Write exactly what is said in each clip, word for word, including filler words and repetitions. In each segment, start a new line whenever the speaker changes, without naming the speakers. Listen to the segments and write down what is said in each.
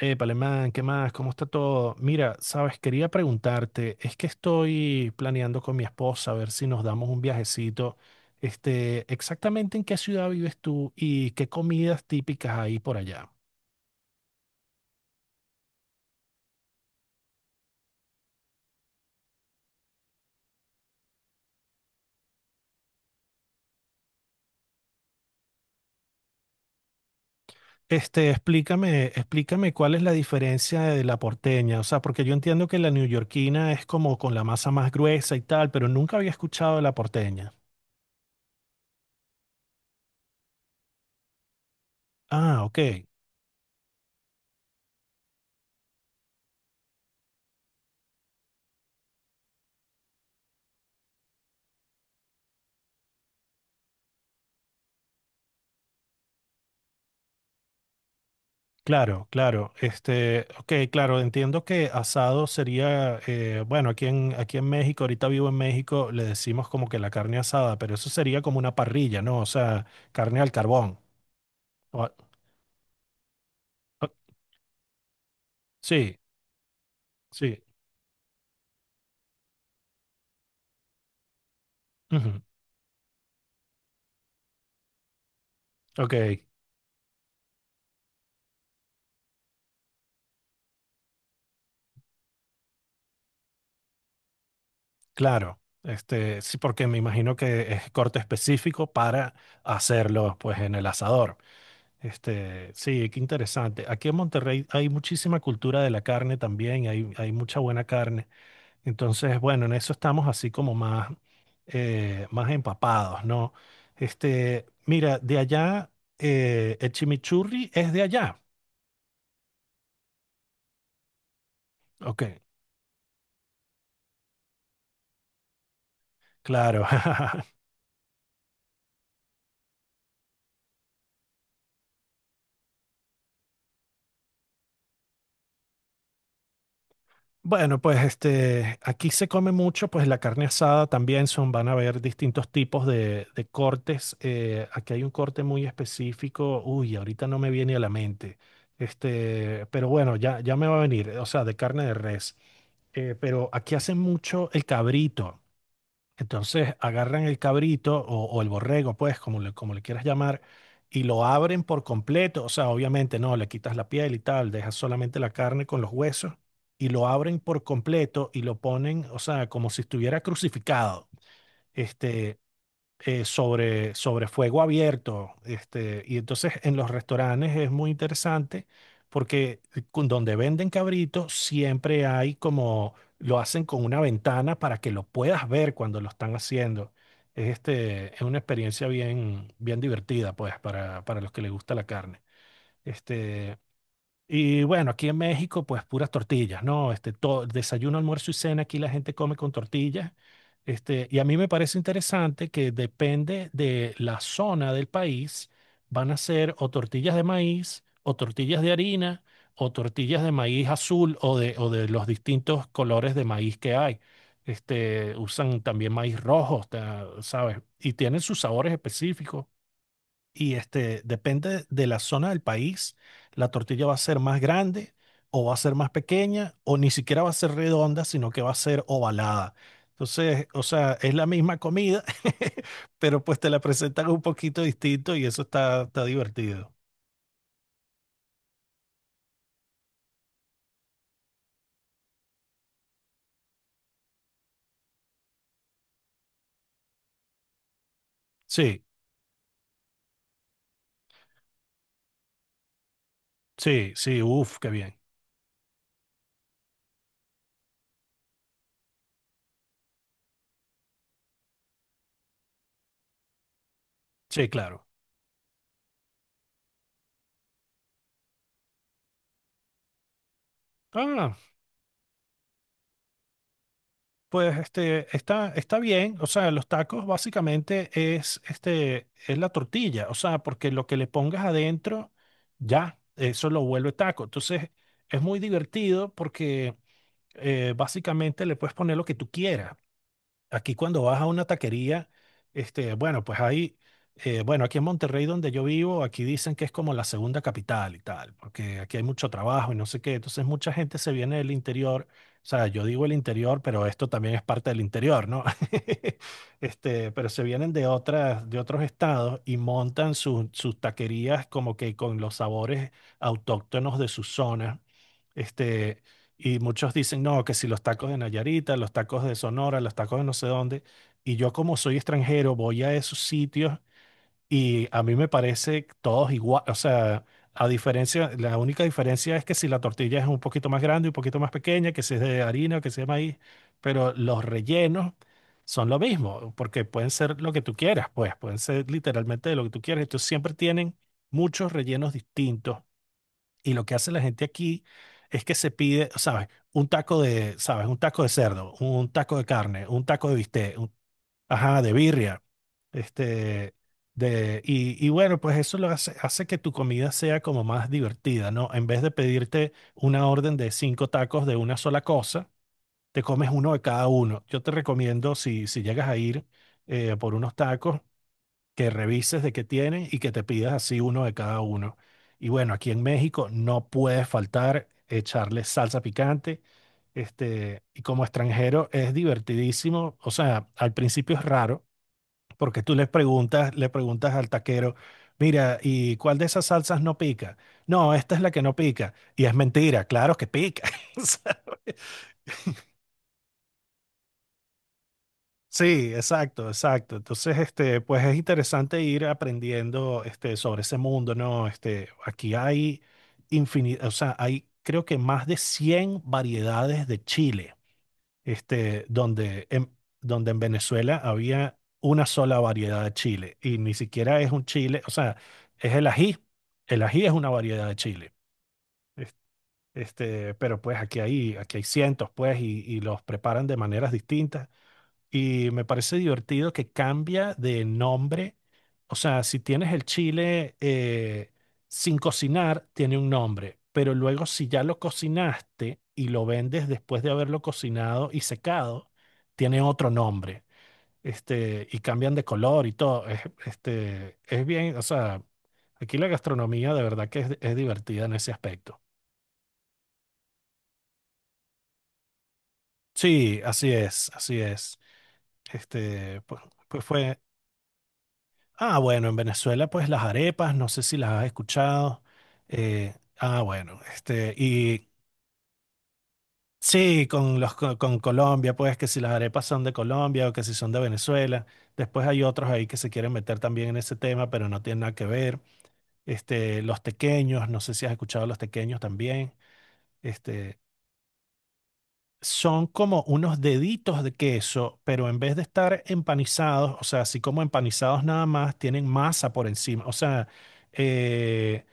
Eh, Palemán, ¿qué más? ¿Cómo está todo? Mira, sabes, quería preguntarte, es que estoy planeando con mi esposa a ver si nos damos un viajecito. Este, exactamente en qué ciudad vives tú y qué comidas típicas hay por allá. Este, explícame, explícame cuál es la diferencia de la porteña, o sea, porque yo entiendo que la neoyorquina es como con la masa más gruesa y tal, pero nunca había escuchado de la porteña. Ah, ok. Claro, claro. Este, ok, claro, entiendo que asado sería, eh, bueno, aquí en, aquí en México, ahorita vivo en México, le decimos como que la carne asada, pero eso sería como una parrilla, ¿no? O sea, carne al carbón. O- o- sí, sí. Ujú. Ok, claro. Este, sí, porque me imagino que es corte específico para hacerlo, pues, en el asador. Este, sí, qué interesante. Aquí en Monterrey hay muchísima cultura de la carne también, hay, hay mucha buena carne. Entonces, bueno, en eso estamos así como más, eh, más empapados, ¿no? Este, mira, de allá, eh, el chimichurri es de allá. Ok, claro. Bueno, pues este, aquí se come mucho, pues la carne asada también son, van a haber distintos tipos de, de cortes. Eh, aquí hay un corte muy específico. Uy, ahorita no me viene a la mente. Este, pero bueno, ya, ya me va a venir, o sea, de carne de res. Eh, pero aquí hacen mucho el cabrito. Entonces agarran el cabrito o, o el borrego, pues, como le, como le quieras llamar, y lo abren por completo. O sea, obviamente no, le quitas la piel y tal, dejas solamente la carne con los huesos y lo abren por completo y lo ponen, o sea, como si estuviera crucificado. Este, eh, sobre, sobre fuego abierto. Este, y entonces en los restaurantes es muy interesante porque con- donde venden cabritos siempre hay como, lo hacen con una ventana para que lo puedas ver cuando lo están haciendo. Es, este, es una experiencia bien, bien divertida, pues, para, para los que les gusta la carne. Este, y bueno, aquí en México, pues puras tortillas, ¿no? Este, todo, desayuno, almuerzo y cena, aquí la gente come con tortillas. Este, y a mí me parece interesante que depende de la zona del país, van a ser o tortillas de maíz, o tortillas de harina, o tortillas de maíz azul, o de, o de los distintos colores de maíz que hay. Este, usan también maíz rojo, ta- ¿sabes? Y tienen sus sabores específicos y este, depende de la zona del país, la tortilla va a ser más grande o va a ser más pequeña o ni siquiera va a ser redonda, sino que va a ser ovalada. Entonces, o sea, es la misma comida, pero pues te la presentan un poquito distinto y eso está, está divertido. Sí, sí, sí, uff, qué bien. Sí, claro. Ah, pues este, está, está bien, o sea, los tacos básicamente es, este, es la tortilla, o sea, porque lo que le pongas adentro, ya, eso lo vuelve taco. Entonces, es muy divertido porque eh, básicamente le puedes poner lo que tú quieras, aquí cuando vas a una taquería, este, bueno, pues hay, eh, bueno, aquí en Monterrey donde yo vivo, aquí dicen que es como la segunda capital y tal, porque aquí hay mucho trabajo y no sé qué, entonces mucha gente se viene del interior, o sea, yo digo el interior, pero esto también es parte del interior, ¿no? Este, pero se vienen de otras, de otros estados y montan sus sus taquerías como que con los sabores autóctonos de su zona. Este, y muchos dicen, no, que si los tacos de Nayarita, los tacos de Sonora, los tacos de no sé dónde. Y yo como soy extranjero, voy a esos sitios y a mí me parece todos igual. O sea, a diferencia, la única diferencia es que si la tortilla es un poquito más grande, un poquito más pequeña, que si es de harina o que si es de maíz, pero los rellenos son lo mismo, porque pueden ser lo que tú quieras, pues, pueden ser literalmente lo que tú quieras. Entonces siempre tienen muchos rellenos distintos y lo que hace la gente aquí es que se pide, ¿sabes? Un taco de, ¿sabes? Un taco de cerdo, un taco de carne, un taco de bistec, un- ajá, de birria, este, de, y, y bueno, pues eso lo hace, hace que tu comida sea como más divertida, ¿no? En vez de pedirte una orden de cinco tacos de una sola cosa, te comes uno de cada uno. Yo te recomiendo, si, si llegas a ir eh, por unos tacos, que revises de qué tienes y que te pidas así uno de cada uno. Y bueno, aquí en México no puede faltar echarle salsa picante. Este, y como extranjero es divertidísimo. O sea, al principio es raro porque tú le preguntas, le preguntas al taquero, mira, ¿y cuál de esas salsas no pica? No, esta es la que no pica. Y es mentira, claro que pica. Sí, exacto, exacto. Entonces, este, pues es interesante ir aprendiendo, este, sobre ese mundo, ¿no? Este, aquí hay infinidad, o sea, hay creo que más de cien variedades de chile, este, donde en, donde en Venezuela había una sola variedad de chile y ni siquiera es un chile, o sea, es el ají. El ají es una variedad de chile. Es- Este, pero pues aquí hay, aquí hay cientos, pues, y, y los preparan de maneras distintas. Y me parece divertido que cambia de nombre. O sea, si tienes el chile eh, sin cocinar, tiene un nombre. Pero luego, si ya lo cocinaste y lo vendes después de haberlo cocinado y secado, tiene otro nombre. Este, y cambian de color y todo. Es, este, es bien, o sea, aquí la gastronomía de verdad que es, es divertida en ese aspecto. Sí, así es, así es. Este, pues pues fue. Ah, bueno, en Venezuela, pues las arepas, no sé si las has escuchado. Eh, ah, bueno, este, y sí, con los co- con, Colombia, pues que si las arepas son de Colombia o que si son de Venezuela. Después hay otros ahí que se quieren meter también en ese tema, pero no tienen nada que ver. Este, los tequeños, no sé si has escuchado los tequeños también. Este, Son como unos deditos de queso, pero en vez de estar empanizados, o sea, así como empanizados nada más, tienen masa por encima. O sea, eh,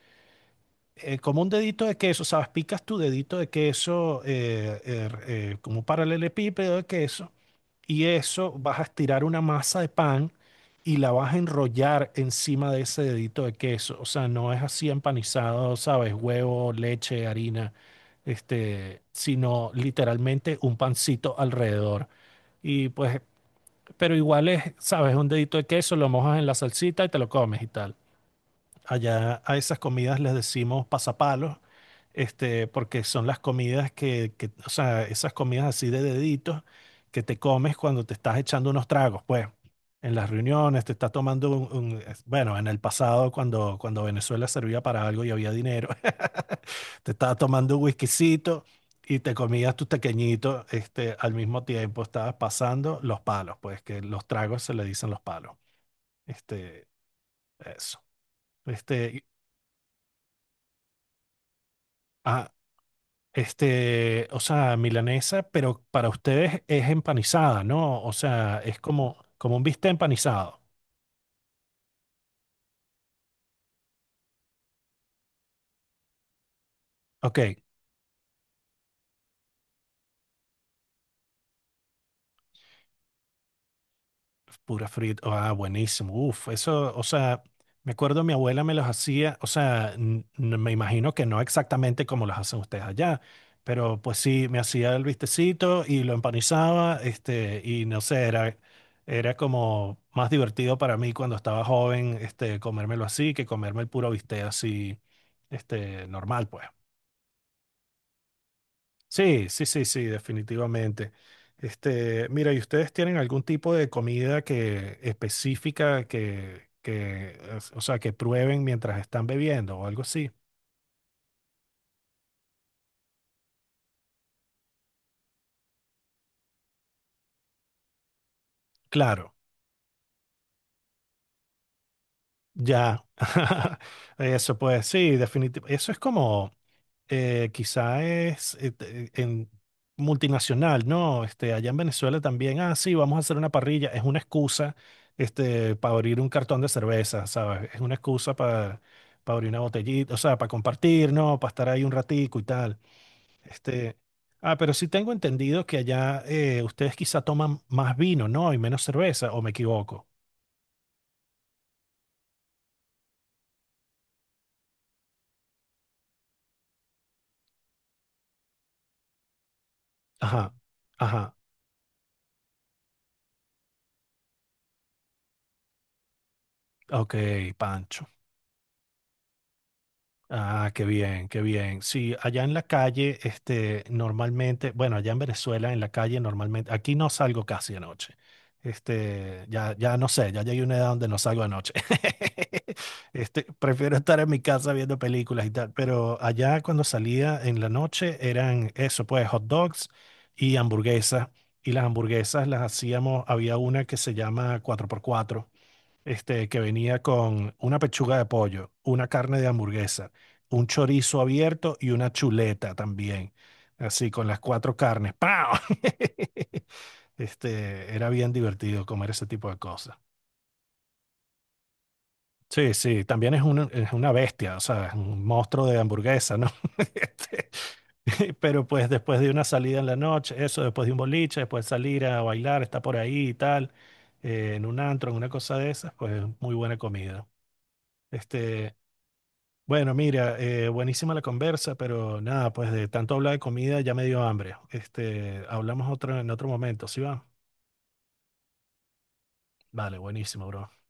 eh, como un dedito de queso, ¿sabes? Picas tu dedito de queso eh, eh, eh, como un paralelepípedo de queso y eso vas a estirar una masa de pan y la vas a enrollar encima de ese dedito de queso. O sea, no es así empanizado, ¿sabes? Huevo, leche, harina, este, sino literalmente un pancito alrededor. Y pues, pero igual es, ¿sabes? Un dedito de queso, lo mojas en la salsita y te lo comes y tal. Allá a esas comidas les decimos pasapalos, este, porque son las comidas que, que, o sea, esas comidas así de deditos que te comes cuando te estás echando unos tragos, pues, en las reuniones, te estás tomando un, un- es- bueno, en el pasado cuando, cuando Venezuela servía para algo y había dinero, te estabas tomando un whiskycito y te comías tus tequeñitos, este, al mismo tiempo estabas pasando los palos, pues, que los tragos se le dicen los palos, este, eso. este. y- ah, Este, o sea, milanesa, pero para ustedes es empanizada, ¿no? O sea, es como, como un bistec empanizado. Ok. Pura frita. Ah, buenísimo. Uf, eso, o sea, me acuerdo mi abuela me los hacía, o sea, n- n- me imagino que no exactamente como los hacen ustedes allá, pero pues sí, me hacía el vistecito y lo empanizaba, este, y no sé, era, era como más divertido para mí cuando estaba joven, este, comérmelo así que comerme el puro bistec así, este, normal, pues. Sí, sí, sí, sí, definitivamente. Este, mira, ¿y ustedes tienen algún tipo de comida que específica que, que, es- o sea, que prueben mientras están bebiendo o algo así? Claro, ya. Eso pues, sí, definitivamente. Eso es como, eh, quizá es eh, te- en multinacional, ¿no? Este, allá en Venezuela también, ah, sí, vamos a hacer una parrilla, es una excusa, este, para abrir un cartón de cerveza, ¿sabes? Es una excusa para, para abrir una botellita, o sea, para compartir, ¿no? Para estar ahí un ratico y tal. Este, ah, pero sí tengo entendido que allá eh, ustedes quizá toman más vino, ¿no? Y menos cerveza, ¿o me equivoco? Ajá, ajá, ok, Pancho. Ah, qué bien, qué bien. Sí, allá en la calle, este, normalmente, bueno, allá en Venezuela, en la calle normalmente, aquí no salgo casi de noche. Este, ya, ya no sé, ya llegué a una edad donde no salgo de noche. Este, prefiero estar en mi casa viendo películas y tal, pero allá cuando salía en la noche eran eso, pues, hot dogs y hamburguesas. Y las hamburguesas las hacíamos, había una que se llama cuatro por cuatro este, que venía con una pechuga de pollo, una carne de hamburguesa, un chorizo abierto y una chuleta también. Así, con las cuatro carnes. ¡Pau! Este, era bien divertido comer ese tipo de cosas. Sí, sí, también es un- es una bestia, o sea, es un monstruo de hamburguesa, ¿no? Este, pero pues después de una salida en la noche, eso, después de un boliche, después de salir a bailar, está por ahí y tal, eh, en un antro, en una cosa de esas, pues muy buena comida. Este, Bueno, mira, eh, buenísima la conversa, pero nada, pues de tanto hablar de comida ya me dio hambre. Este, hablamos otro en otro momento, ¿sí va? Vale, buenísimo, bro.